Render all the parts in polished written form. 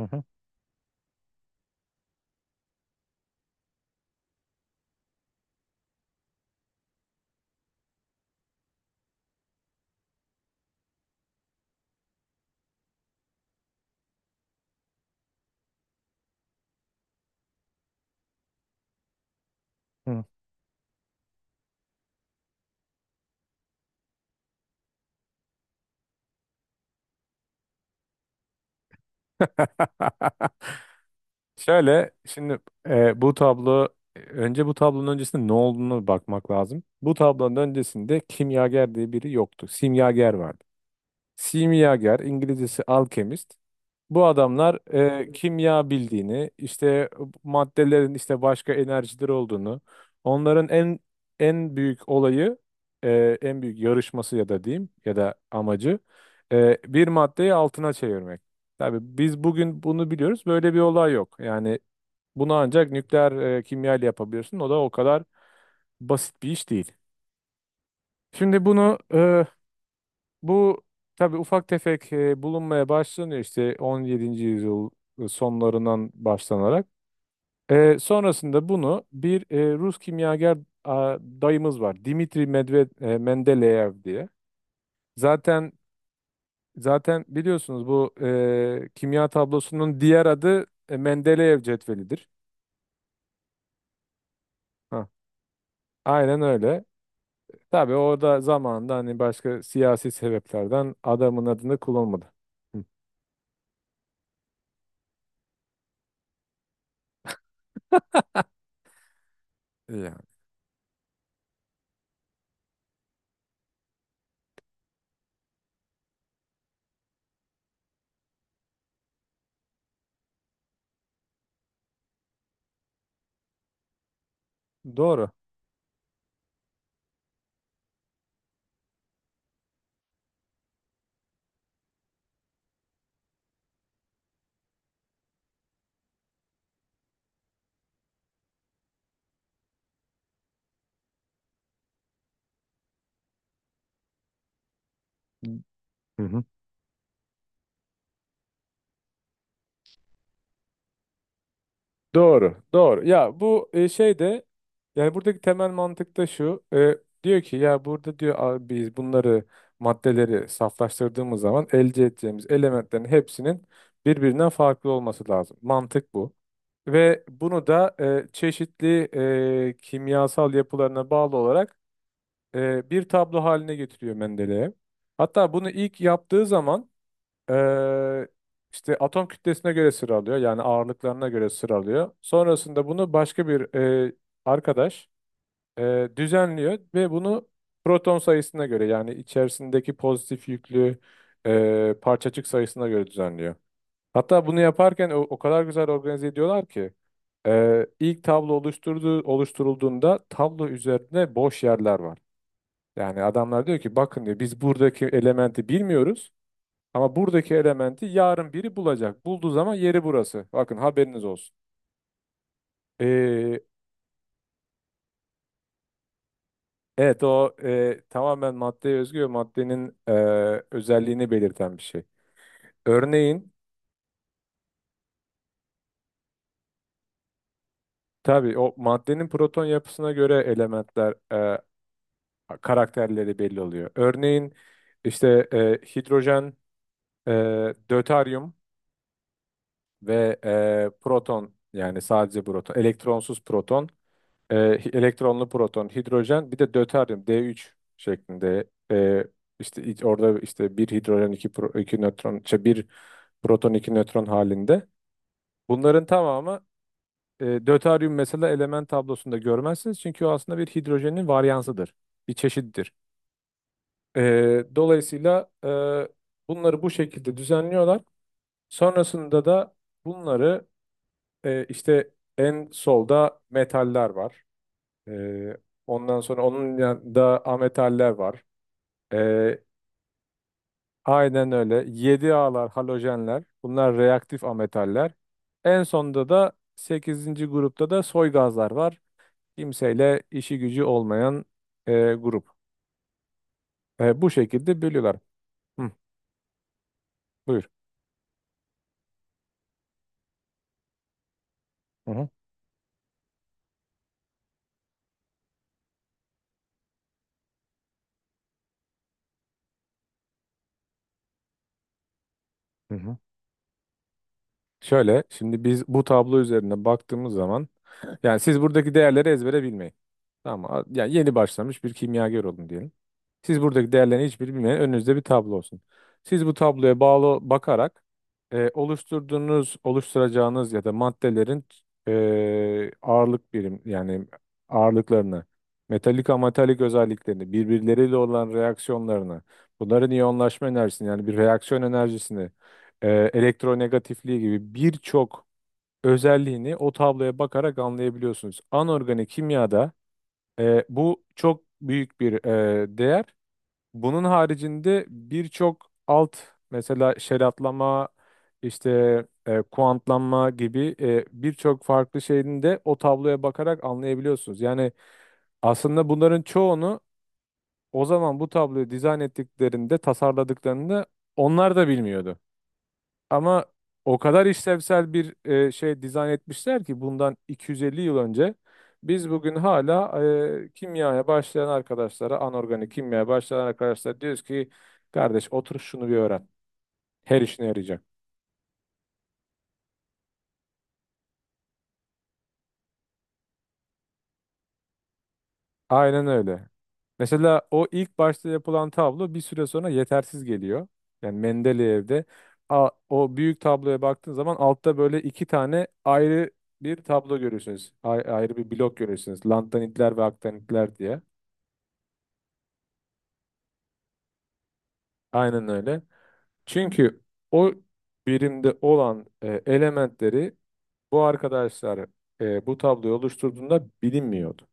Hı hı. Hı. Şöyle şimdi, bu tablo önce bu tablonun öncesinde ne olduğunu bakmak lazım. Bu tablonun öncesinde kimyager diye biri yoktu. Simyager vardı. Simyager, İngilizcesi alkemist. Bu adamlar kimya bildiğini, işte maddelerin işte başka enerjileri olduğunu, onların en büyük olayı, en büyük yarışması ya da diyeyim ya da amacı, bir maddeyi altına çevirmek. Tabii biz bugün bunu biliyoruz. Böyle bir olay yok. Yani bunu ancak nükleer kimya ile yapabiliyorsun. O da o kadar basit bir iş değil. Şimdi bunu e, bu tabii ufak tefek bulunmaya başlanıyor, işte 17. yüzyıl sonlarından başlanarak. Sonrasında bunu bir Rus kimyager dayımız var. Dimitri Medved, Mendeleyev diye. Zaten zaten biliyorsunuz, bu kimya tablosunun diğer adı Mendeleyev cetvelidir. Ha, aynen öyle. Tabii orada zamanında hani başka siyasi sebeplerden adamın adını kullanmadı. Hı. Yani. Doğru. Hı hı. Doğru, doğru. Ya bu e, şey de yani buradaki temel mantık da şu. Diyor ki ya, burada diyor, "Abi biz bunları, maddeleri saflaştırdığımız zaman elde edeceğimiz elementlerin hepsinin birbirinden farklı olması lazım." Mantık bu. Ve bunu da çeşitli kimyasal yapılarına bağlı olarak bir tablo haline getiriyor Mendeley. Hatta bunu ilk yaptığı zaman ee, işte atom kütlesine göre sıralıyor. Yani ağırlıklarına göre sıralıyor. Sonrasında bunu başka bir e, arkadaş düzenliyor ve bunu proton sayısına göre, yani içerisindeki pozitif yüklü parçacık sayısına göre düzenliyor. Hatta bunu yaparken o kadar güzel organize ediyorlar ki ilk tablo oluşturulduğunda tablo üzerinde boş yerler var. Yani adamlar diyor ki, bakın diyor, biz buradaki elementi bilmiyoruz. Ama buradaki elementi yarın biri bulacak. Bulduğu zaman yeri burası. Bakın haberiniz olsun. Ee, evet, o tamamen maddeye özgü ve maddenin özelliğini belirten bir şey. Örneğin, tabii o maddenin proton yapısına göre elementler, karakterleri belli oluyor. Örneğin işte hidrojen, e, döteryum ve proton, yani sadece proton, elektronsuz proton. E, elektronlu proton, hidrojen, bir de döteryum D3 şeklinde. E, işte orada işte bir hidrojen, iki nötron, işte bir proton, iki nötron halinde. Bunların tamamı, döteryum mesela, element tablosunda görmezsiniz. Çünkü o aslında bir hidrojenin varyansıdır. Bir çeşittir. Dolayısıyla bunları bu şekilde düzenliyorlar. Sonrasında da bunları işte en solda metaller var. Ee, ondan sonra onun yanında ametaller var. Ee, aynen öyle. Yedi alar halojenler. Bunlar reaktif ametaller. En sonda da sekizinci grupta da soy gazlar var. Kimseyle işi gücü olmayan grup. Bu şekilde bölüyorlar. Hı, buyur. Hı hı, hı hı. Şöyle, şimdi biz bu tablo üzerine baktığımız zaman, yani siz buradaki değerleri ezbere bilmeyin. Tamam mı? Yani yeni başlamış bir kimyager olun diyelim. Siz buradaki değerlerin hiçbirini bilmeyen, önünüzde bir tablo olsun. Siz bu tabloya bağlı bakarak oluşturacağınız ya da maddelerin ağırlık birim yani ağırlıklarını, metalik ametalik özelliklerini, birbirleriyle olan reaksiyonlarını, bunların iyonlaşma enerjisini yani bir reaksiyon enerjisini, elektronegatifliği gibi birçok özelliğini o tabloya bakarak anlayabiliyorsunuz. Anorganik kimyada bu çok büyük bir değer. Bunun haricinde birçok alt, mesela şeratlama, işte kuantlanma gibi birçok farklı şeyini de o tabloya bakarak anlayabiliyorsunuz. Yani aslında bunların çoğunu o zaman, bu tabloyu dizayn ettiklerinde, tasarladıklarında, onlar da bilmiyordu. Ama o kadar işlevsel bir şey dizayn etmişler ki, bundan 250 yıl önce, biz bugün hala kimyaya başlayan arkadaşlara, anorganik kimyaya başlayan arkadaşlara diyoruz ki, kardeş, otur şunu bir öğren. Her işine yarayacak. Aynen öyle. Mesela o ilk başta yapılan tablo bir süre sonra yetersiz geliyor. Yani Mendeleev'de o büyük tabloya baktığın zaman altta böyle iki tane ayrı bir tablo görüyorsunuz. Ayrı bir blok görüyorsunuz. Lantanitler ve aktanitler diye. Aynen öyle. Çünkü o birimde olan elementleri bu arkadaşlar bu tabloyu oluşturduğunda bilinmiyordu.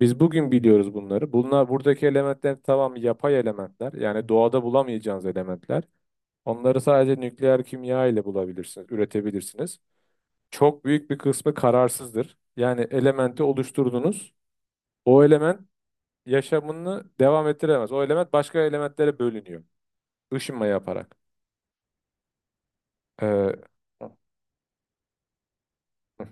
Biz bugün biliyoruz bunları. Bunlar, buradaki elementler, tamam, yapay elementler. Yani doğada bulamayacağınız elementler. Onları sadece nükleer kimya ile bulabilirsiniz, üretebilirsiniz. Çok büyük bir kısmı kararsızdır. Yani elementi oluşturdunuz. O element yaşamını devam ettiremez. O element başka elementlere bölünüyor, Işınma yaparak. Ee,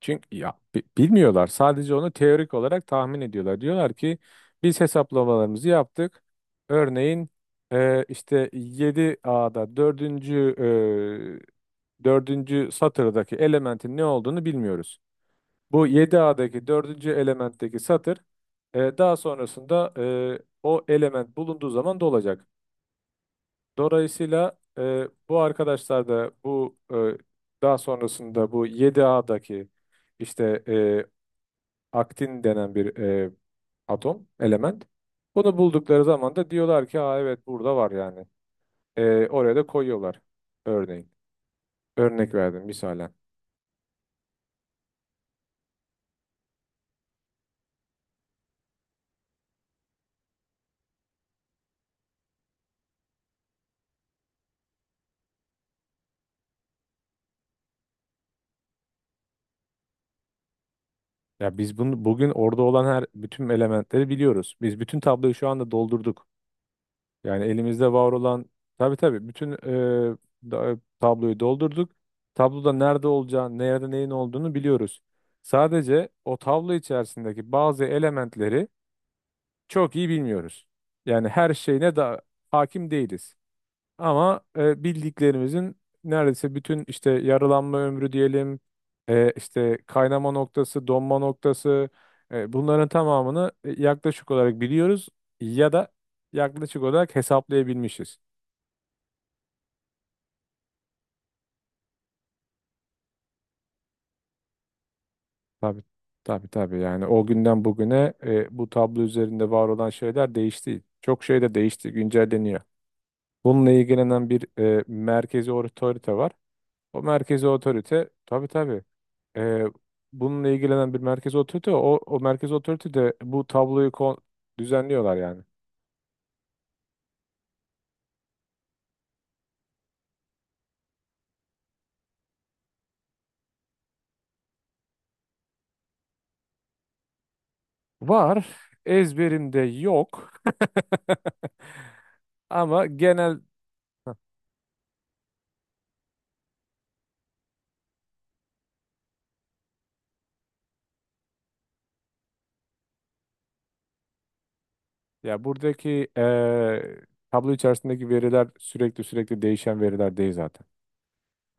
Çünkü ya bilmiyorlar. Sadece onu teorik olarak tahmin ediyorlar. Diyorlar ki, biz hesaplamalarımızı yaptık. Örneğin işte 7A'da e, dördüncü satırdaki elementin ne olduğunu bilmiyoruz. Bu 7A'daki dördüncü elementteki satır, daha sonrasında, o element bulunduğu zaman dolacak. Dolayısıyla bu arkadaşlar da bu, daha sonrasında bu 7A'daki işte aktin denen bir atom, element. Bunu buldukları zaman da diyorlar ki, aa, evet, burada var yani. Oraya da koyuyorlar örneğin. Örnek verdim, misalen. Ya biz bunu, bugün orada olan her bütün elementleri biliyoruz. Biz bütün tabloyu şu anda doldurduk. Yani elimizde var olan, tabii tabii, bütün tabloyu doldurduk. Tabloda nerede olacağını, nerede neyin olduğunu biliyoruz. Sadece o tablo içerisindeki bazı elementleri çok iyi bilmiyoruz. Yani her şeyine da hakim değiliz. Ama bildiklerimizin neredeyse bütün, işte yaralanma ömrü diyelim, işte kaynama noktası, donma noktası, bunların tamamını yaklaşık olarak biliyoruz ya da yaklaşık olarak hesaplayabilmişiz. Tabii, tabii, tabii. Yani o günden bugüne bu tablo üzerinde var olan şeyler değişti. Çok şey de değişti, güncelleniyor. Bununla ilgilenen bir merkezi otorite var. O merkezi otorite, tabii tabii. Ee, bununla ilgilenen bir merkezi otorite, o merkezi otorite de bu tabloyu düzenliyorlar yani. Var. Ezberimde yok. Ama genel. Heh. Ya, buradaki tablo içerisindeki veriler sürekli sürekli değişen veriler değil zaten.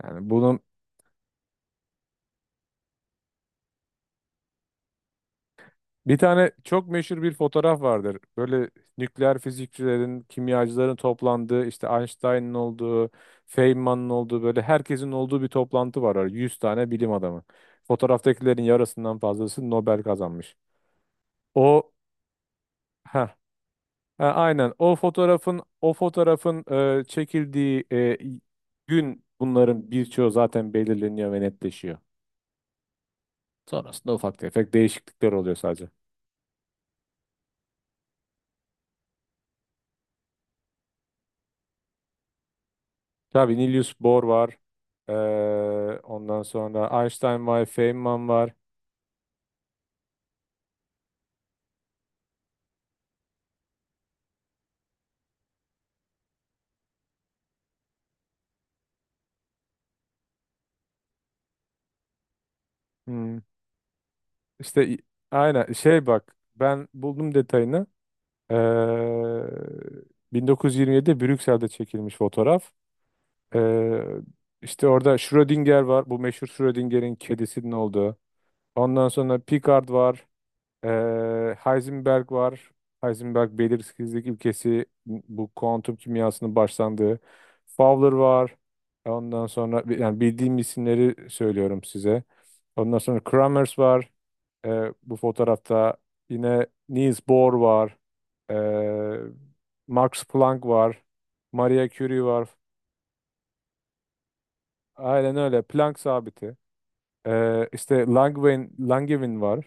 Yani bunun. Bir tane çok meşhur bir fotoğraf vardır. Böyle nükleer fizikçilerin, kimyacıların toplandığı, işte Einstein'ın olduğu, Feynman'ın olduğu, böyle herkesin olduğu bir toplantı var. 100 tane bilim adamı. Fotoğraftakilerin yarısından fazlası Nobel kazanmış. O, ha, aynen, o fotoğrafın çekildiği gün bunların birçoğu zaten belirleniyor ve netleşiyor. Sonrasında ufak tefek değişiklikler oluyor sadece. Tabii, Niels Bohr var. Ondan sonra Einstein var, Feynman var. Hmm. İşte aynen, şey, bak, ben buldum detayını. Ee, 1927'de Brüksel'de çekilmiş fotoğraf. Ee, işte orada Schrödinger var. Bu meşhur Schrödinger'in kedisinin olduğu. Ondan sonra Picard var. Heisenberg var. Heisenberg belirsizlik ilkesi, bu kuantum kimyasının başlandığı. Fowler var. Ondan sonra, yani bildiğim isimleri söylüyorum size. Ondan sonra Kramers var. Bu fotoğrafta yine Niels Bohr var. Ee, Max Planck var. Marie Curie var. Aynen öyle. Planck sabiti. İşte Langevin var.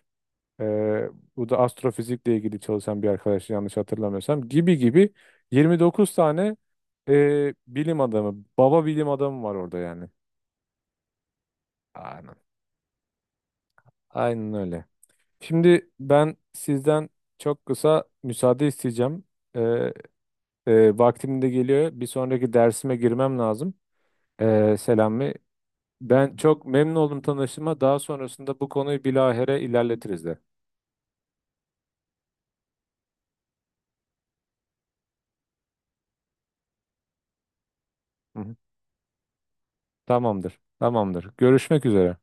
Ee, bu da astrofizikle ilgili çalışan bir arkadaş yanlış hatırlamıyorsam, gibi gibi. 29 tane bilim adamı, baba bilim adamı var orada yani. Aynen. Aynen öyle. Şimdi ben sizden çok kısa müsaade isteyeceğim. Ee, Vaktim de geliyor. Bir sonraki dersime girmem lazım. Selami. Ben çok memnun oldum tanıştığıma. Daha sonrasında bu konuyu bilahare ilerletiriz de. Hı hı. Tamamdır. Tamamdır. Görüşmek üzere.